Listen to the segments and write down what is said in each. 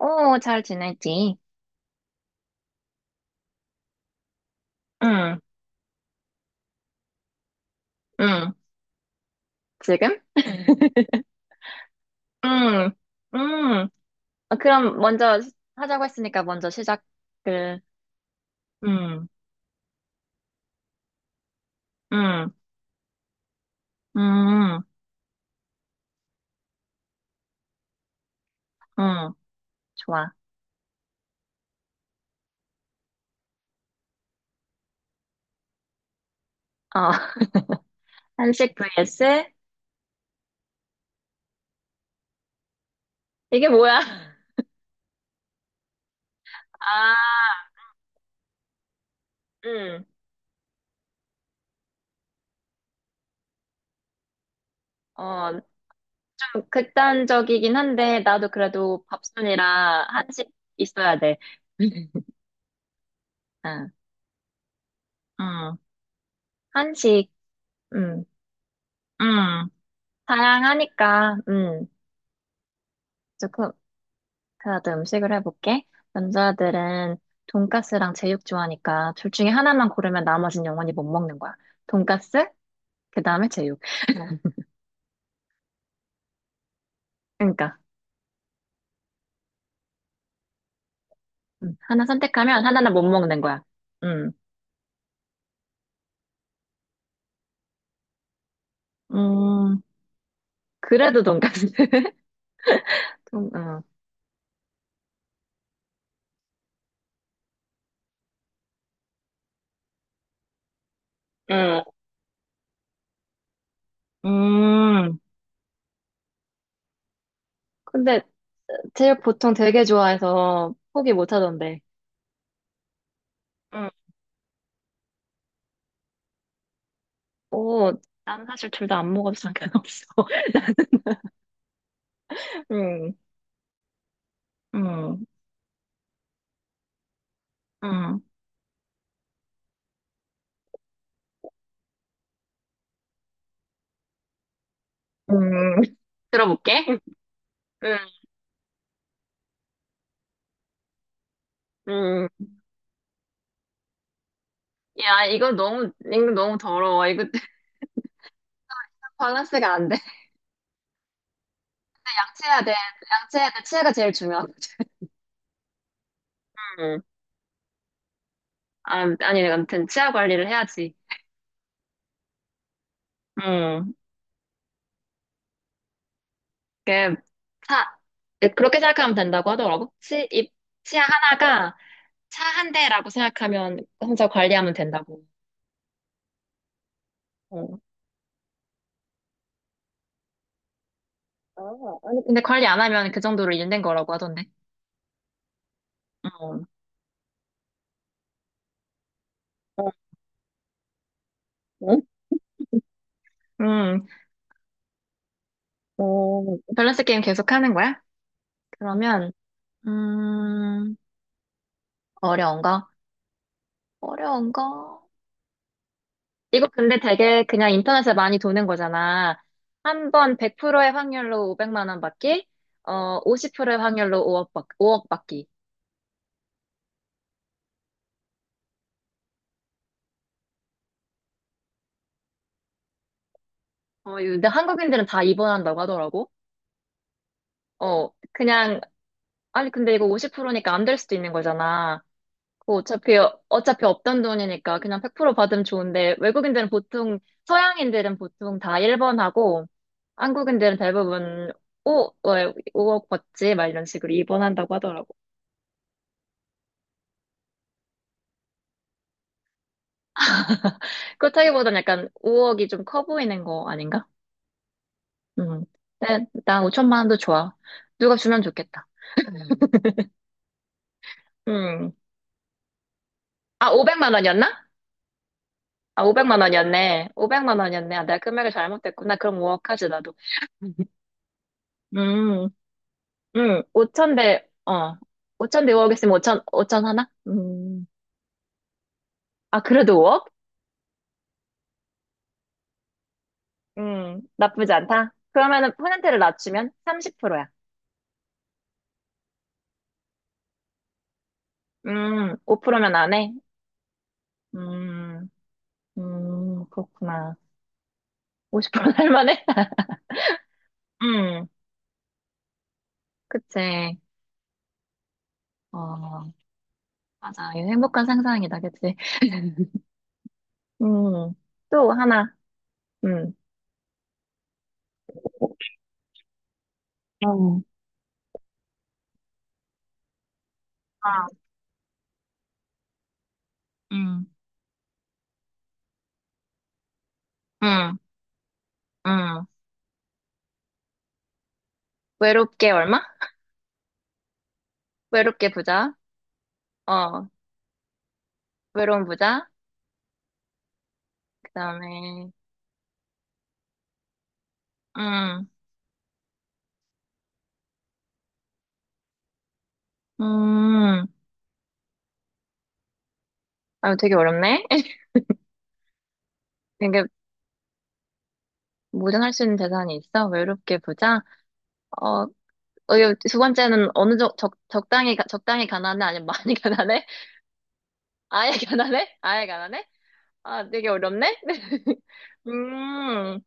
오, 잘 지내지? 응, 응. 지금? 응, 응. 어, 그럼 먼저 하자고 했으니까 먼저 시작을. 응, 응, 응, 응. 좋아. 어. 한식 vs? 이게 뭐야? 아, 응. 어, 좀 극단적이긴 한데, 나도 그래도 밥순이라 한식 있어야 돼. 응, 응. 한식, 응, 응. 다양하니까, 응. 조금 그래도 음식을 해볼게. 남자들은 돈가스랑 제육 좋아하니까 둘 중에 하나만 고르면 나머진 영원히 못 먹는 거야. 돈가스, 그 다음에 제육. 그러니까 하나 선택하면 하나는 못 먹는 거야. 음, 음, 그래도 돈가스. 돈, 어. 응. 음. 근데 제육 보통 되게 좋아해서 포기 못 하던데. 응. 오, 난 사실 둘 다 안 먹어도 상관없어. 나는, 응. 음, 음, 음. 들어볼게. 응, 응. 야, 이거 너무 더러워. 이거 밸런스가 안 돼. 양치해야 돼. 양치해야 돼. 치아가 제일 중요하거든. 응. 아, 아니, 내가 아무튼 치아 관리를 해야지. 응. 그, 차, 그렇게 생각하면 된다고 하더라고. 치아 하나가 차 한 대라고 생각하면 혼자 관리하면 된다고. 어. 아, 아니, 근데 관리 안 하면 그 정도로 일된 거라고 하던데. 응. 응. 응. 어, 밸런스 게임 계속 하는 거야? 그러면, 음, 어려운 거? 어려운 거? 이거 근데 되게 그냥 인터넷에 많이 도는 거잖아. 한 번 100%의 확률로 500만 원 받기, 어, 50%의 확률로 5억 받기. 어, 이거 근데 한국인들은 다 입원한다고 하더라고. 어, 그냥, 아니, 근데 이거 50%니까 안 될 수도 있는 거잖아. 뭐 어차피 없던 돈이니까 그냥 100% 받으면 좋은데, 외국인들은 보통, 서양인들은 보통 다 1번 하고, 한국인들은 대부분 5, 5억 받지? 막 이런 식으로 2번 한다고 하더라고. 그렇다기보단 약간 5억이 좀 커 보이는 거 아닌가? 음. 네, 난 5천만 원도 좋아. 누가 주면 좋겠다. 음. 아, 500만 원이었나? 아, 500만 원이었네. 500만 원이었네. 아, 내가 금액을 잘못했구나. 그럼 5억 하지, 나도. 음. 응, 5천 대, 어, 5천 대 5억 있으면 오천 하나? 아, 그래도 5억? 나쁘지 않다. 그러면은 퍼센트를 낮추면 30%야. 5%면 안 해? 음, 그렇구나. 50%는 할 만해? 음, 그치. 어, 맞아. 이거 행복한 상상이다, 그치? 음, 또 하나. 음, 어. 아, 음, 음, 음. 외롭게 얼마? 외롭게 부자. 어, 외로운 부자. 그다음에 음, 음, 아 되게 어렵네. 되게 모전할 수 있는 재산이 있어? 외롭게 부자? 어, 어, 이거 두 번째는 어느 정 적, 적당히 가- 적당히 가난해? 아니면 많이 가난해? 아예 가난해? 아예 가난해? 아, 되게 어렵네. 음,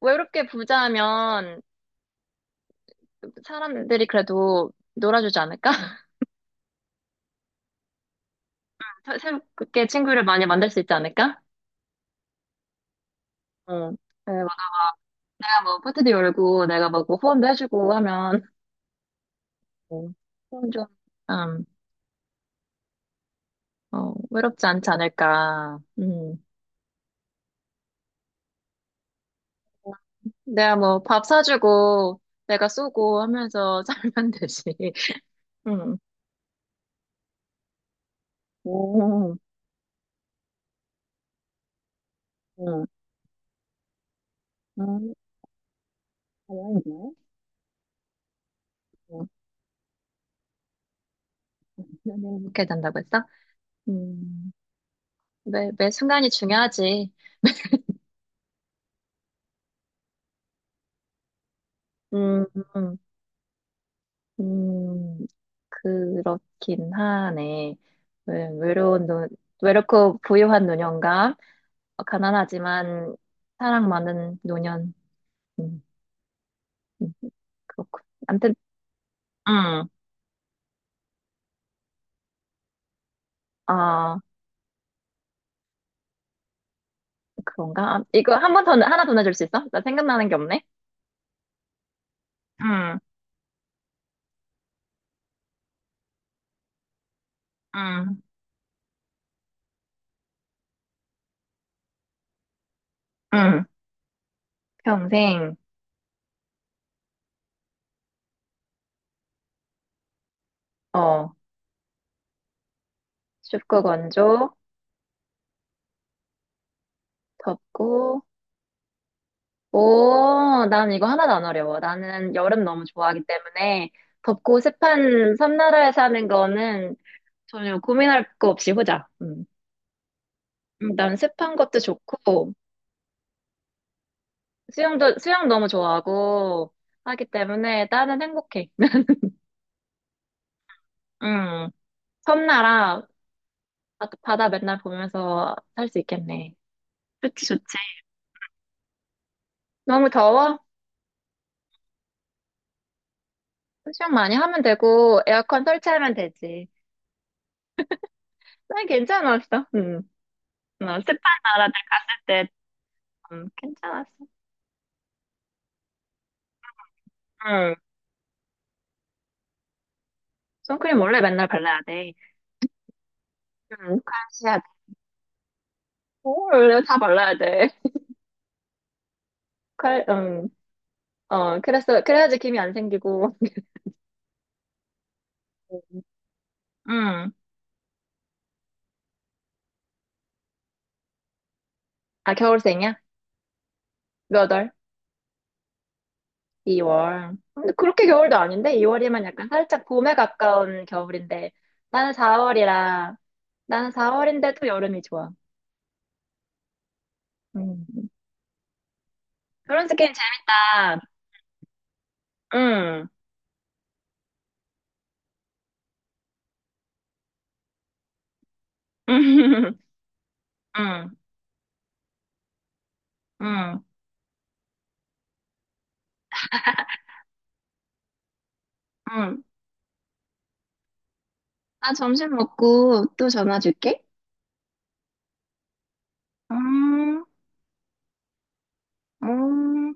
외롭게 부자면 사람들이 그래도 놀아주지 않을까? 새롭게 친구를 많이 만들 수 있지 않을까? 어, 네, 막 내가 뭐 파티도 열고 내가 막뭐 후원도 해주고 하면 어, 그럼 좀, 음, 어, 외롭지 않지 않을까. 음. 내가 뭐 밥 사주고 내가 쏘고 하면서 살면 되지. 음. 오, 어, 음, 음, 다행이네. 음, 너는 행 된다고 했어? 음, 매 순간이 중요하지. 음, 음, 음, 그렇긴 하네. 외로운 노, 외롭고 부유한 노년과 가난하지만 사랑 많은 노년. 음. 그렇군. 아무튼, 응, 아, 그런가? 아, 이거 한 번 더, 하나 더 내줄 수 있어? 나 생각나는 게 없네? 응, 응, 응. 평생, 어, 춥고 건조, 덥고, 오, 난 이거 하나도 안 어려워. 나는 여름 너무 좋아하기 때문에 덥고 습한 섬나라에 사는 거는 전혀 고민할 거 없이 보자. 음. 난 습한 것도 좋고, 수영 너무 좋아하고 하기 때문에 나는 행복해. 응. 섬나라, 바다 맨날 보면서 살 수 있겠네. 좋지, 좋지. 너무 더워? 수영 많이 하면 되고, 에어컨 설치하면 되지. 난 괜찮았어. 응. 어, 습한 나라들 갔을 때, 괜찮았어. 응. 선크림 원래 맨날 발라야 돼. 응, 관시야 돼. 원래 다 발라야 돼. 칼, 어, 그래서, 그래야지 김이 안 생기고. 응. 아, 겨울생이야? 몇 월? 2월. 근데 그렇게 겨울도 아닌데? 2월이면 약간 살짝 봄에 가까운 겨울인데. 나는 4월이라. 나는 4월인데도 여름이 좋아. 음. 그런 스 게임 재밌다. 응. 응. 응. 응. 응. 나 점심 먹고 또 전화 줄게. 음. 음.